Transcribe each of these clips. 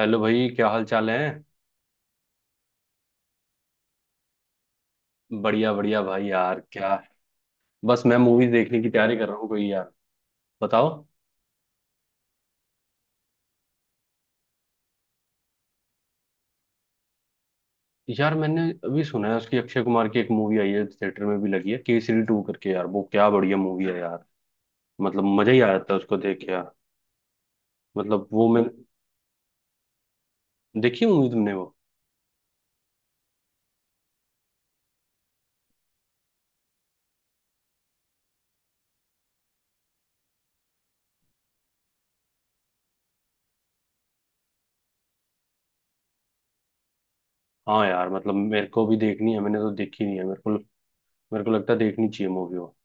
Hello भाई क्या हाल चाल है? बढ़िया बढ़िया भाई यार क्या। बस मैं मूवी देखने की तैयारी कर रहा हूँ कोई यार बताओ। यार मैंने अभी सुना है उसकी अक्षय कुमार की एक मूवी आई है थिएटर में भी लगी है केसरी टू करके यार वो क्या बढ़िया मूवी है यार। मतलब मजा ही आ जाता है उसको देख के यार। मतलब वो मैं देखी मूवी तुमने वो? हाँ यार मतलब मेरे को भी देखनी है मैंने तो देखी नहीं है मेरे को। मेरे को लगता है देखनी चाहिए मूवी वो।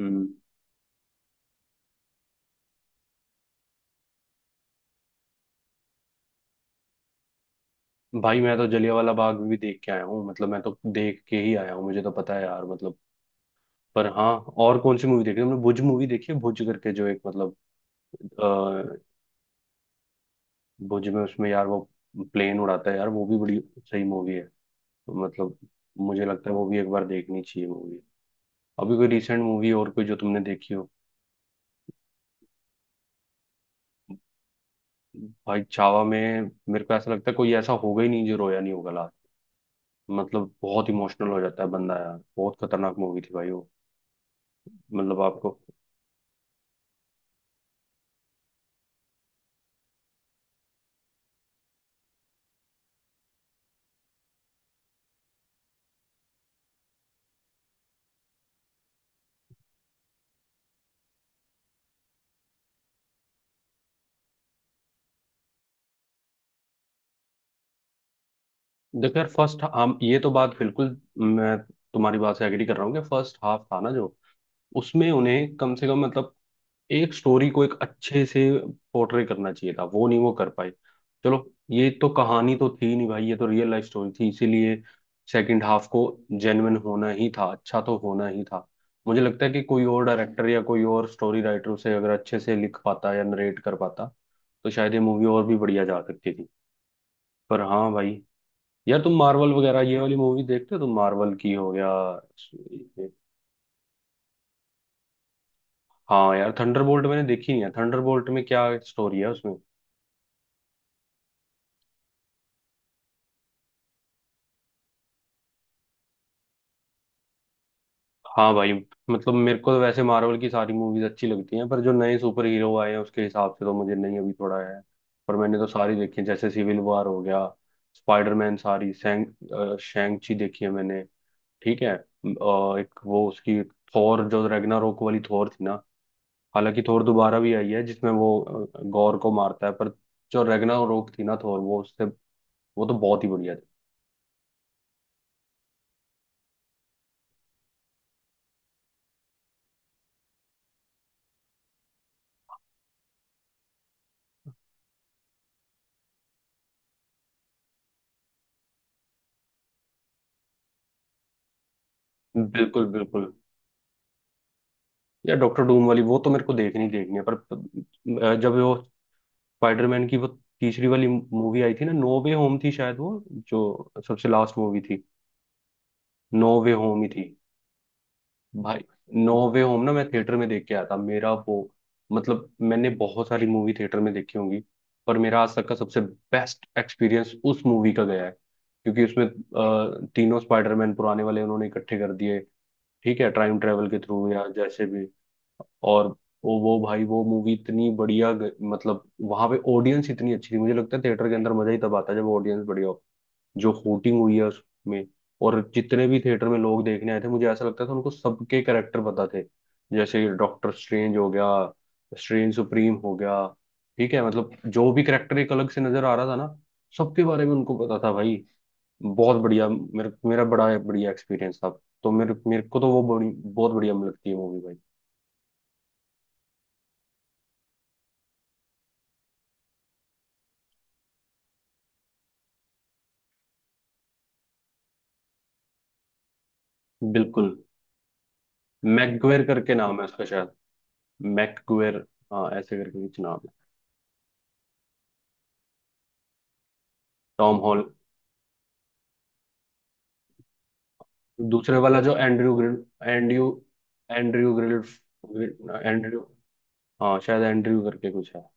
हम्म। भाई मैं तो जलियांवाला बाग भी देख के आया हूँ मतलब मैं तो देख के ही आया हूँ मुझे तो पता है यार मतलब पर हाँ। और कौन सी मूवी देखी हमने भुज मूवी देखी है भुज करके जो एक मतलब अ, भुज में उसमें यार वो प्लेन उड़ाता है यार वो भी बड़ी सही मूवी है। मतलब मुझे लगता है वो भी एक बार देखनी चाहिए मूवी। अभी कोई रिसेंट मूवी और कोई जो तुमने देखी हो? भाई छावा में मेरे को ऐसा लगता है कोई ऐसा होगा ही नहीं जो रोया नहीं होगा लास्ट। मतलब बहुत इमोशनल हो जाता है बंदा यार बहुत खतरनाक मूवी थी भाई वो। मतलब आपको देखो यार फर्स्ट हम ये तो बात बिल्कुल मैं तुम्हारी बात से एग्री कर रहा हूँ कि फर्स्ट हाफ था ना जो उसमें उन्हें कम से कम मतलब एक स्टोरी को एक अच्छे से पोर्ट्रे करना चाहिए था वो नहीं वो कर पाए। चलो। ये तो कहानी तो थी नहीं भाई ये तो रियल लाइफ स्टोरी थी इसीलिए सेकंड हाफ को जेन्युइन होना ही था अच्छा तो होना ही था। मुझे लगता है कि कोई और डायरेक्टर या कोई और स्टोरी राइटर उसे अगर अच्छे से लिख पाता या नरेट कर पाता तो शायद ये मूवी और भी बढ़िया जा सकती थी। पर हाँ भाई। यार तुम मार्वल वगैरह ये वाली मूवी देखते हो तुम मार्वल की हो या? हाँ यार थंडरबोल्ट मैंने देखी नहीं है थंडरबोल्ट में क्या स्टोरी है उसमें? हाँ भाई। मतलब मेरे को तो वैसे मार्वल की सारी मूवीज अच्छी लगती हैं पर जो नए सुपर हीरो आए हैं उसके हिसाब से तो मुझे नहीं अभी थोड़ा है। पर मैंने तो सारी देखी है जैसे सिविल वॉर हो गया स्पाइडरमैन सारी शैंक शैंक ची देखी है मैंने। ठीक है एक वो उसकी थोर जो रैग्नारोक वाली थोर थी ना। हालांकि थोर दोबारा भी आई है जिसमें वो गॉर को मारता है पर जो रैग्नारोक थी ना थोर वो उससे वो तो बहुत ही बढ़िया थी। बिल्कुल बिल्कुल। या डॉक्टर डूम वाली वो तो मेरे को देखनी देखनी है पर जब वो स्पाइडरमैन की वो तीसरी वाली मूवी आई थी ना नो वे होम थी शायद वो जो सबसे लास्ट मूवी थी नो वे होम ही थी। भाई नो वे होम ना मैं थिएटर में देख के आया था मेरा वो मतलब मैंने बहुत सारी मूवी थिएटर में देखी होंगी पर मेरा आज तक का सबसे बेस्ट एक्सपीरियंस उस मूवी का गया है क्योंकि उसमें तीनों स्पाइडरमैन पुराने वाले उन्होंने इकट्ठे कर दिए। ठीक है टाइम ट्रेवल के थ्रू या जैसे भी। और वो भाई वो मूवी इतनी बढ़िया मतलब वहां पे ऑडियंस इतनी अच्छी थी मुझे लगता है थिएटर के अंदर मजा ही तब आता है जब ऑडियंस बढ़िया हो। जो हूटिंग हुई है उसमें और जितने भी थिएटर में लोग देखने आए थे मुझे ऐसा लगता था उनको सबके कैरेक्टर पता थे जैसे डॉक्टर स्ट्रेंज हो गया स्ट्रेंज सुप्रीम हो गया। ठीक है मतलब जो भी कैरेक्टर एक अलग से नजर आ रहा था ना सबके बारे में उनको पता था भाई। बहुत बढ़िया मेरे मेरा बड़ा बढ़िया एक्सपीरियंस था। तो मेरे मेरे को तो वो बड़ी बहुत बढ़िया लगती है मूवी भाई। बिल्कुल। मैकगुएर करके नाम है उसका शायद मैकगुएर। हाँ ऐसे करके कुछ नाम है। Tom Hall. दूसरे वाला जो Andrew Grill Andrew Andrew Grill Andrew. हाँ शायद एंड्रयू करके कुछ है।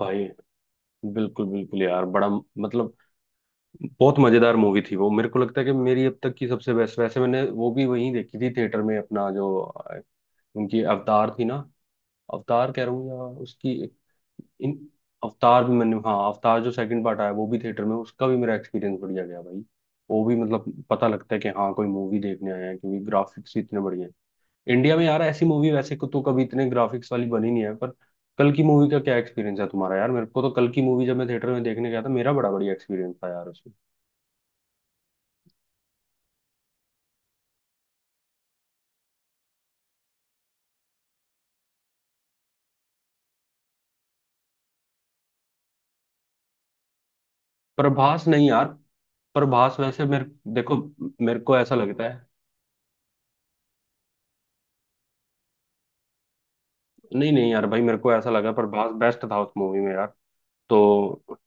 भाई बिल्कुल बिल्कुल यार बड़ा मतलब बहुत मजेदार मूवी थी वो मेरे को लगता है कि मेरी अब तक की सबसे बेस्ट वैसे मैंने वो भी वहीं देखी थी थिएटर में अपना जो उनकी अवतार थी ना। अवतार कह रहा हूँ या उसकी इन अवतार भी मैंने हाँ अवतार जो सेकंड पार्ट आया वो भी थिएटर में उसका भी मेरा एक्सपीरियंस बढ़िया गया भाई। वो भी मतलब पता लगता है कि हाँ कोई मूवी देखने आए हैं क्योंकि ग्राफिक्स इतने बढ़िया हैं। इंडिया में यार ऐसी मूवी वैसे को तो कभी इतने ग्राफिक्स वाली बनी नहीं है पर कल की मूवी का क्या एक्सपीरियंस है तुम्हारा? यार मेरे को तो कल की मूवी जब मैं थिएटर में देखने गया था मेरा बड़ा बढ़िया एक्सपीरियंस था यार उसमें। प्रभास नहीं यार प्रभास वैसे मेरे देखो मेरे को ऐसा लगता है। नहीं नहीं यार भाई मेरे को ऐसा लगा प्रभास बेस्ट था उस मूवी में यार। तो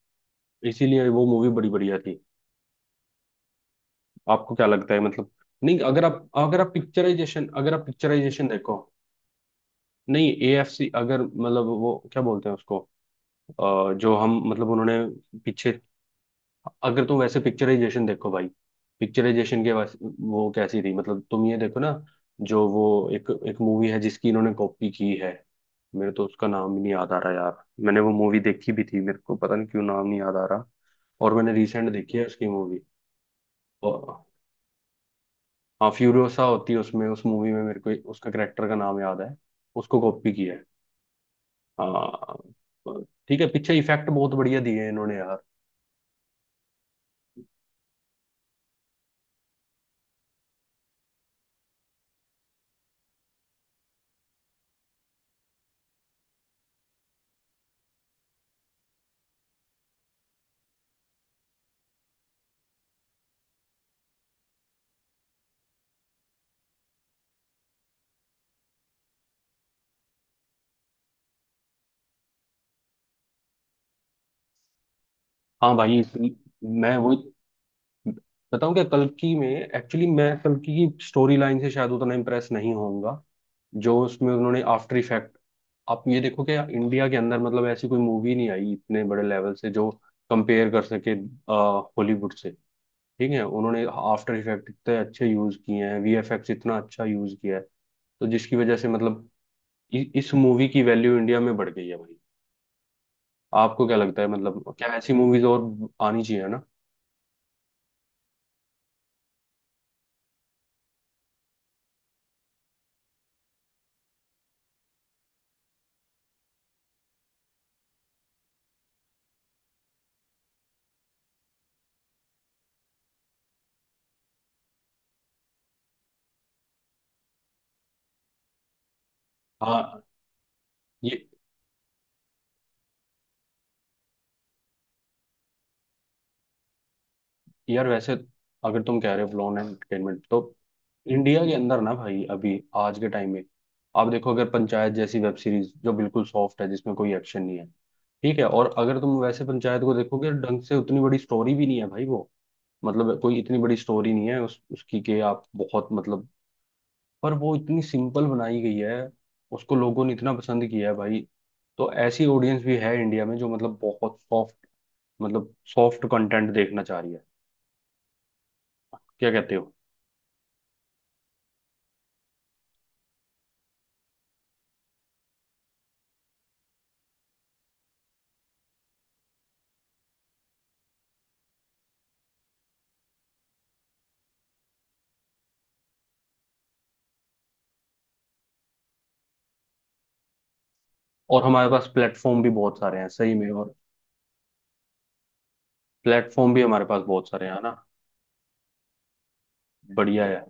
इसीलिए वो मूवी बड़ी बढ़िया थी। आपको क्या लगता है मतलब? नहीं अगर आप पिक्चराइजेशन देखो। नहीं एएफसी अगर मतलब वो क्या बोलते हैं उसको जो हम मतलब उन्होंने पीछे। अगर तुम वैसे पिक्चराइजेशन देखो भाई पिक्चराइजेशन के वैसे वो कैसी थी मतलब तुम ये देखो ना जो वो एक एक मूवी है जिसकी इन्होंने कॉपी की है। मेरे तो उसका नाम ही नहीं याद आ रहा यार मैंने वो मूवी देखी भी थी मेरे को पता नहीं क्यों नाम नहीं याद आ रहा। और मैंने रिसेंट देखी है उसकी मूवी। हाँ फ्यूरियोसा होती है उसमें उस मूवी में मेरे को उसका करेक्टर का नाम याद है उसको कॉपी किया है। हाँ ठीक है पीछे इफेक्ट बहुत बढ़िया दिए हैं इन्होंने यार। हाँ भाई मैं वो बताऊं क्या कल्कि में एक्चुअली मैं कल्कि की स्टोरी लाइन से शायद उतना इम्प्रेस नहीं होऊंगा। जो उसमें उन्होंने आफ्टर इफेक्ट आप ये देखो कि इंडिया के अंदर मतलब ऐसी कोई मूवी नहीं आई इतने बड़े लेवल से जो कंपेयर कर सके हॉलीवुड से। ठीक है उन्होंने आफ्टर इफेक्ट इतने अच्छे यूज किए हैं वीएफएक्स इतना अच्छा यूज किया है तो जिसकी वजह से मतलब इस मूवी की वैल्यू इंडिया में बढ़ गई है भाई। आपको क्या लगता है मतलब क्या ऐसी मूवीज और आनी चाहिए ना? हाँ ये यार वैसे अगर तुम कह रहे हो फ्लॉन एंटरटेनमेंट तो इंडिया के अंदर ना भाई अभी आज के टाइम में आप देखो अगर पंचायत जैसी वेब सीरीज जो बिल्कुल सॉफ्ट है जिसमें कोई एक्शन नहीं है। ठीक है और अगर तुम वैसे पंचायत को देखोगे ढंग से उतनी बड़ी स्टोरी भी नहीं है भाई वो। मतलब कोई इतनी बड़ी स्टोरी नहीं है उस उसकी कि आप बहुत मतलब पर वो इतनी सिंपल बनाई गई है उसको लोगों ने इतना पसंद किया है भाई। तो ऐसी ऑडियंस भी है इंडिया में जो मतलब बहुत सॉफ्ट मतलब सॉफ्ट कंटेंट देखना चाह रही है। क्या कहते हो? और हमारे पास प्लेटफॉर्म भी बहुत सारे हैं सही में और प्लेटफॉर्म भी हमारे पास बहुत सारे हैं है ना। बढ़िया है।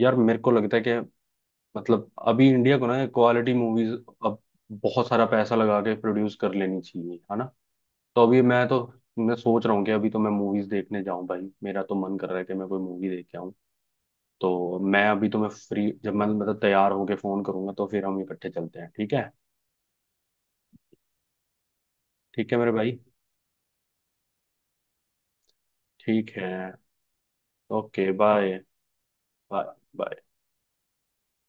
यार मेरे को लगता है कि मतलब अभी इंडिया को ना क्वालिटी मूवीज अब बहुत सारा पैसा लगा के प्रोड्यूस कर लेनी चाहिए है ना। तो अभी मैं सोच रहा हूँ कि अभी तो मैं मूवीज देखने जाऊं भाई मेरा तो मन कर रहा है कि मैं कोई मूवी देख के आऊं। तो मैं अभी तो मैं फ्री जब मैं मतलब तैयार होके फोन करूंगा तो फिर हम इकट्ठे चलते हैं ठीक है। ठीक है मेरे भाई। ठीक है ओके बाय बाय।